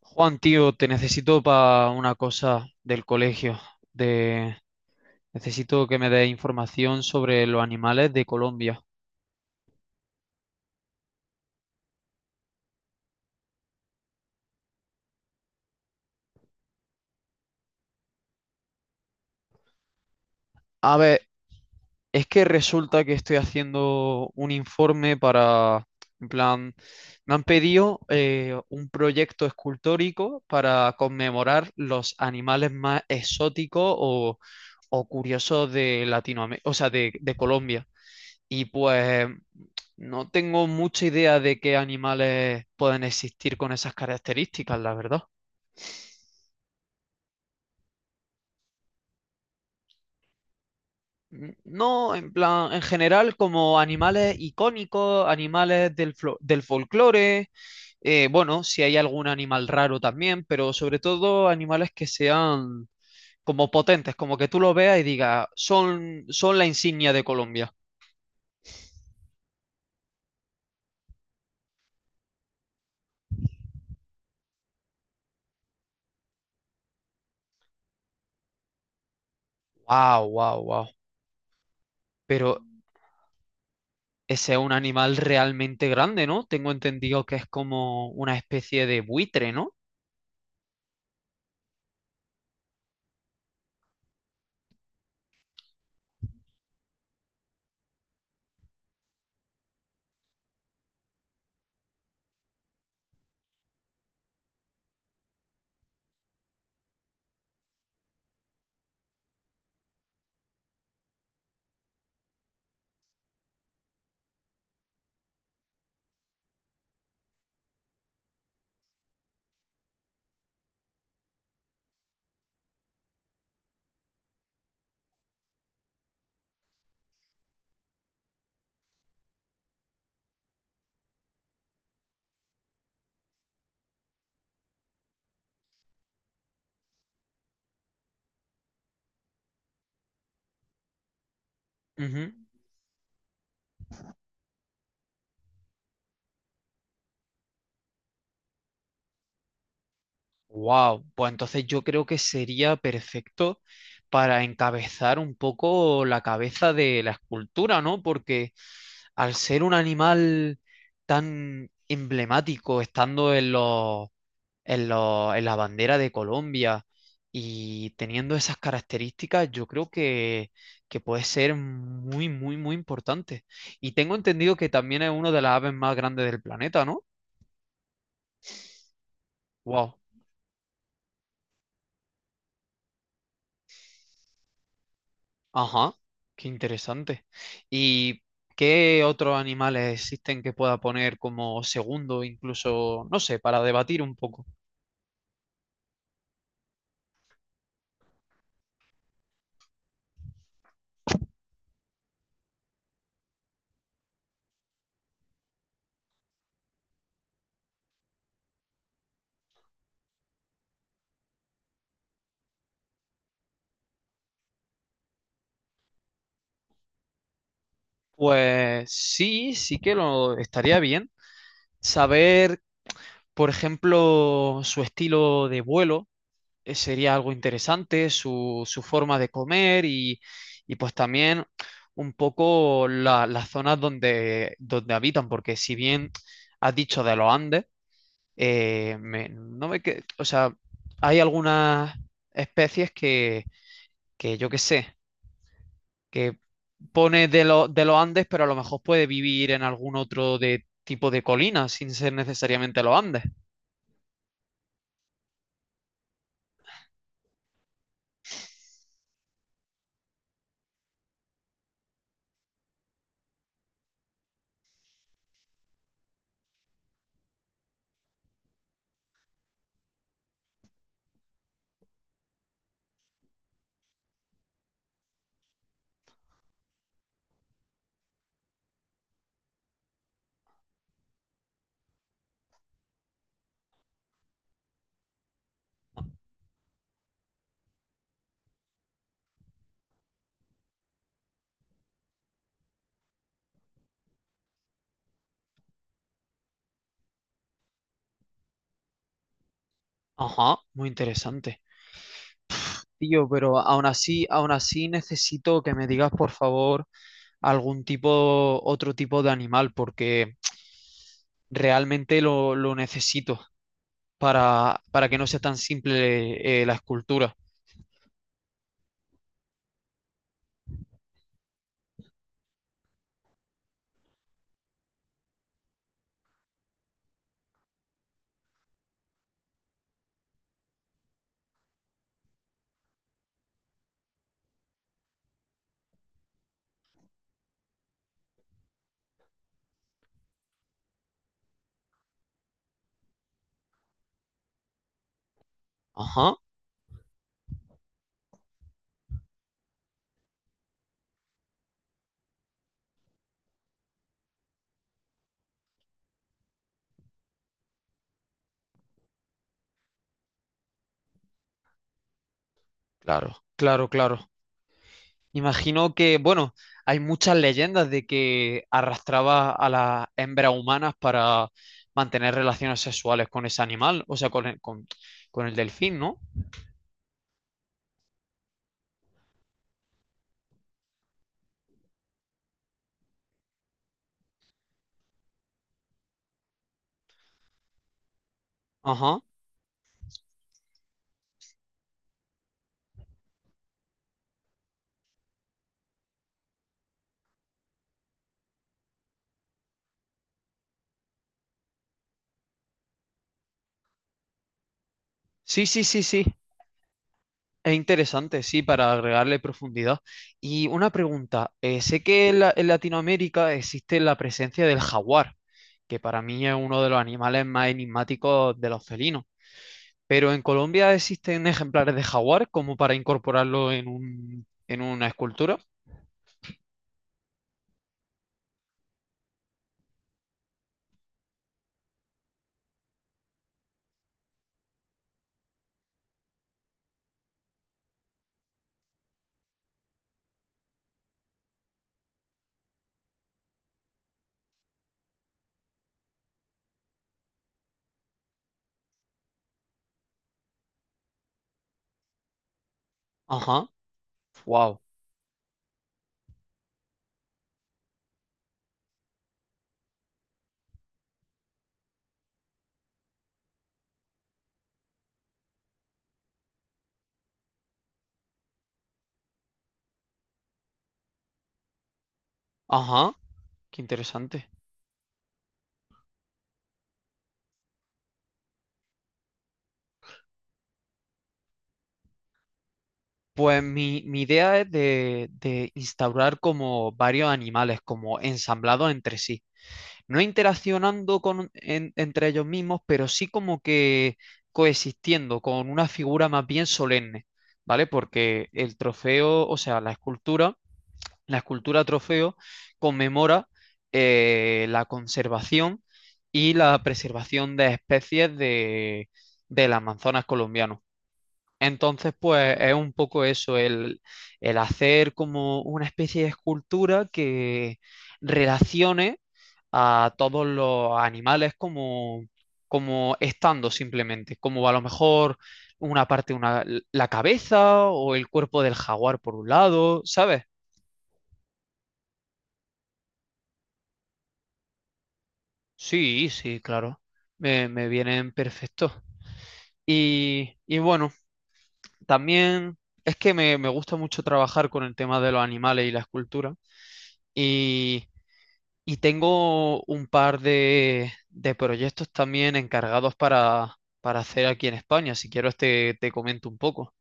Juan, tío, te necesito para una cosa del colegio. De... Necesito que me des información sobre los animales de Colombia. A ver, es que resulta que estoy haciendo un informe para, en plan, me han pedido un proyecto escultórico para conmemorar los animales más exóticos o curiosos de Latinoamérica, o sea, de Colombia. Y pues no tengo mucha idea de qué animales pueden existir con esas características, la verdad. No, en plan, en general, como animales icónicos, animales del, del folclore, bueno, si hay algún animal raro también, pero sobre todo animales que sean como potentes, como que tú lo veas y digas, son, son la insignia de Colombia. Wow, wow, wow. Pero ese es un animal realmente grande, ¿no? Tengo entendido que es como una especie de buitre, ¿no? Wow, pues entonces yo creo que sería perfecto para encabezar un poco la cabeza de la escultura, ¿no? Porque al ser un animal tan emblemático, estando en los en la bandera de Colombia. Y teniendo esas características, yo creo que puede ser muy, muy, muy importante. Y tengo entendido que también es una de las aves más grandes del planeta, ¿no? Wow. Ajá. Qué interesante. ¿Y qué otros animales existen que pueda poner como segundo, incluso, no sé, para debatir un poco? Pues sí, sí que lo estaría bien. Saber, por ejemplo, su estilo de vuelo sería algo interesante, su forma de comer y pues también un poco las zonas donde, donde habitan, porque si bien has dicho de los Andes, me- no me que, o sea, hay algunas especies que yo qué sé, que pone de, de los Andes, pero a lo mejor puede vivir en algún otro de, tipo de colina sin ser necesariamente los Andes. Ajá, muy interesante. Tío, pero aún así necesito que me digas, por favor, algún tipo, otro tipo de animal, porque realmente lo necesito para que no sea tan simple, la escultura. Ajá, claro, claro, claro. Imagino que, bueno, hay muchas leyendas de que arrastraba a las hembras humanas para mantener relaciones sexuales con ese animal, o sea, con el delfín, ¿no? Ajá. Sí, sí, sí, sí. Es interesante, sí, para agregarle profundidad. Y una pregunta, sé que en, en Latinoamérica existe la presencia del jaguar, que para mí es uno de los animales más enigmáticos de los felinos, pero en Colombia existen ejemplares de jaguar como para incorporarlo en un, en una escultura. Ajá, wow, ajá, qué interesante. Pues mi idea es de instaurar como varios animales, como ensamblados entre sí. No interaccionando con, entre ellos mismos, pero sí como que coexistiendo con una figura más bien solemne, ¿vale? Porque el trofeo, o sea, la escultura trofeo conmemora la conservación y la preservación de especies de, del Amazonas colombiano. Entonces, pues es un poco eso, el hacer como una especie de escultura que relacione a todos los animales como, como estando simplemente, como a lo mejor una parte, una, la cabeza o el cuerpo del jaguar por un lado, ¿sabes? Sí, sí, claro, me vienen perfectos. Y bueno, también es que me gusta mucho trabajar con el tema de los animales y la escultura. Y Y tengo un par de proyectos también encargados para hacer aquí en España. Si quieres te, te comento un poco.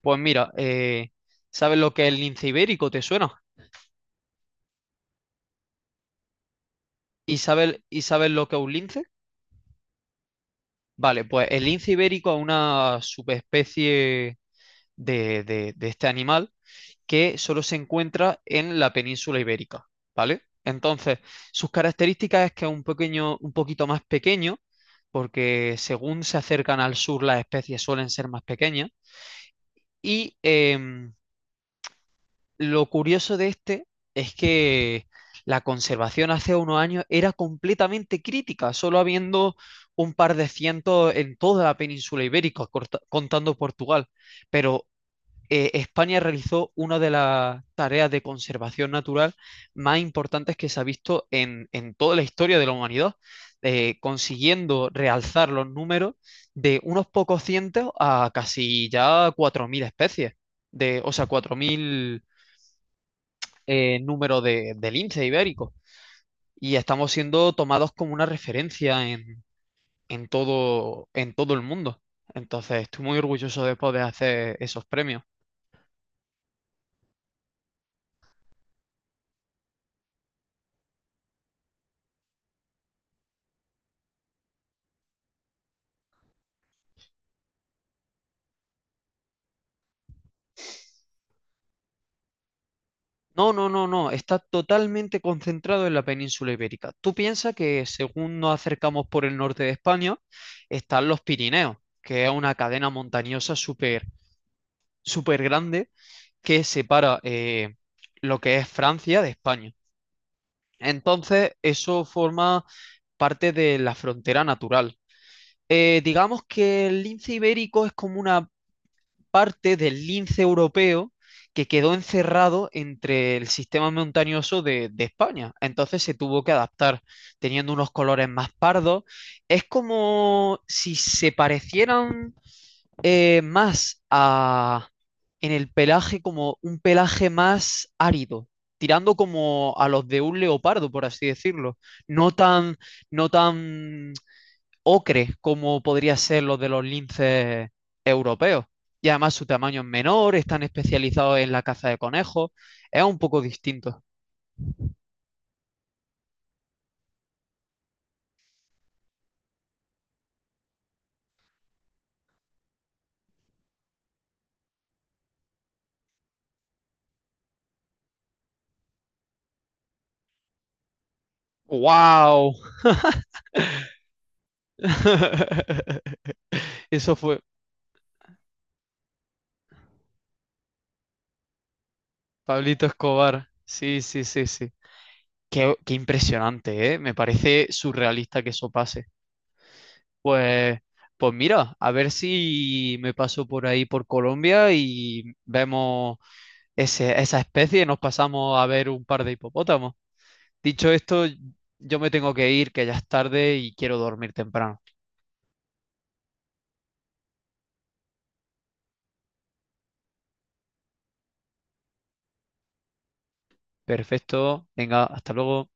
Pues mira, ¿sabes lo que es el lince ibérico? ¿Te suena? Y sabes lo que es un lince? Vale, pues el lince ibérico es una subespecie de, de este animal que solo se encuentra en la península ibérica, ¿vale? Entonces, sus características es que es un pequeño, un poquito más pequeño, porque según se acercan al sur las especies suelen ser más pequeñas. Y lo curioso de este es que la conservación hace unos años era completamente crítica, solo habiendo un par de cientos en toda la península ibérica, contando Portugal. Pero España realizó una de las tareas de conservación natural más importantes que se ha visto en toda la historia de la humanidad, consiguiendo realzar los números de unos pocos cientos a casi ya 4.000 especies, de, o sea, 4.000 números de lince ibérico. Y estamos siendo tomados como una referencia en todo el mundo. Entonces, estoy muy orgulloso de poder hacer esos premios. No, no, no, no, está totalmente concentrado en la península ibérica. Tú piensas que según nos acercamos por el norte de España, están los Pirineos, que es una cadena montañosa súper, súper grande que separa lo que es Francia de España. Entonces, eso forma parte de la frontera natural. Digamos que el lince ibérico es como una parte del lince europeo que quedó encerrado entre el sistema montañoso de España. Entonces se tuvo que adaptar, teniendo unos colores más pardos. Es como si se parecieran más a, en el pelaje, como un pelaje más árido, tirando como a los de un leopardo, por así decirlo. No tan, no tan ocre, como podría ser los de los linces europeos. Y además su tamaño es menor, están especializados en la caza de conejos, es un poco distinto. ¡Wow! Eso fue Pablito Escobar. Sí, sí, sí, sí. Qué, qué impresionante, ¿eh? Me parece surrealista que eso pase. Pues, pues mira, a ver si me paso por ahí por Colombia y vemos esa especie y nos pasamos a ver un par de hipopótamos. Dicho esto, yo me tengo que ir, que ya es tarde y quiero dormir temprano. Perfecto, venga, hasta luego.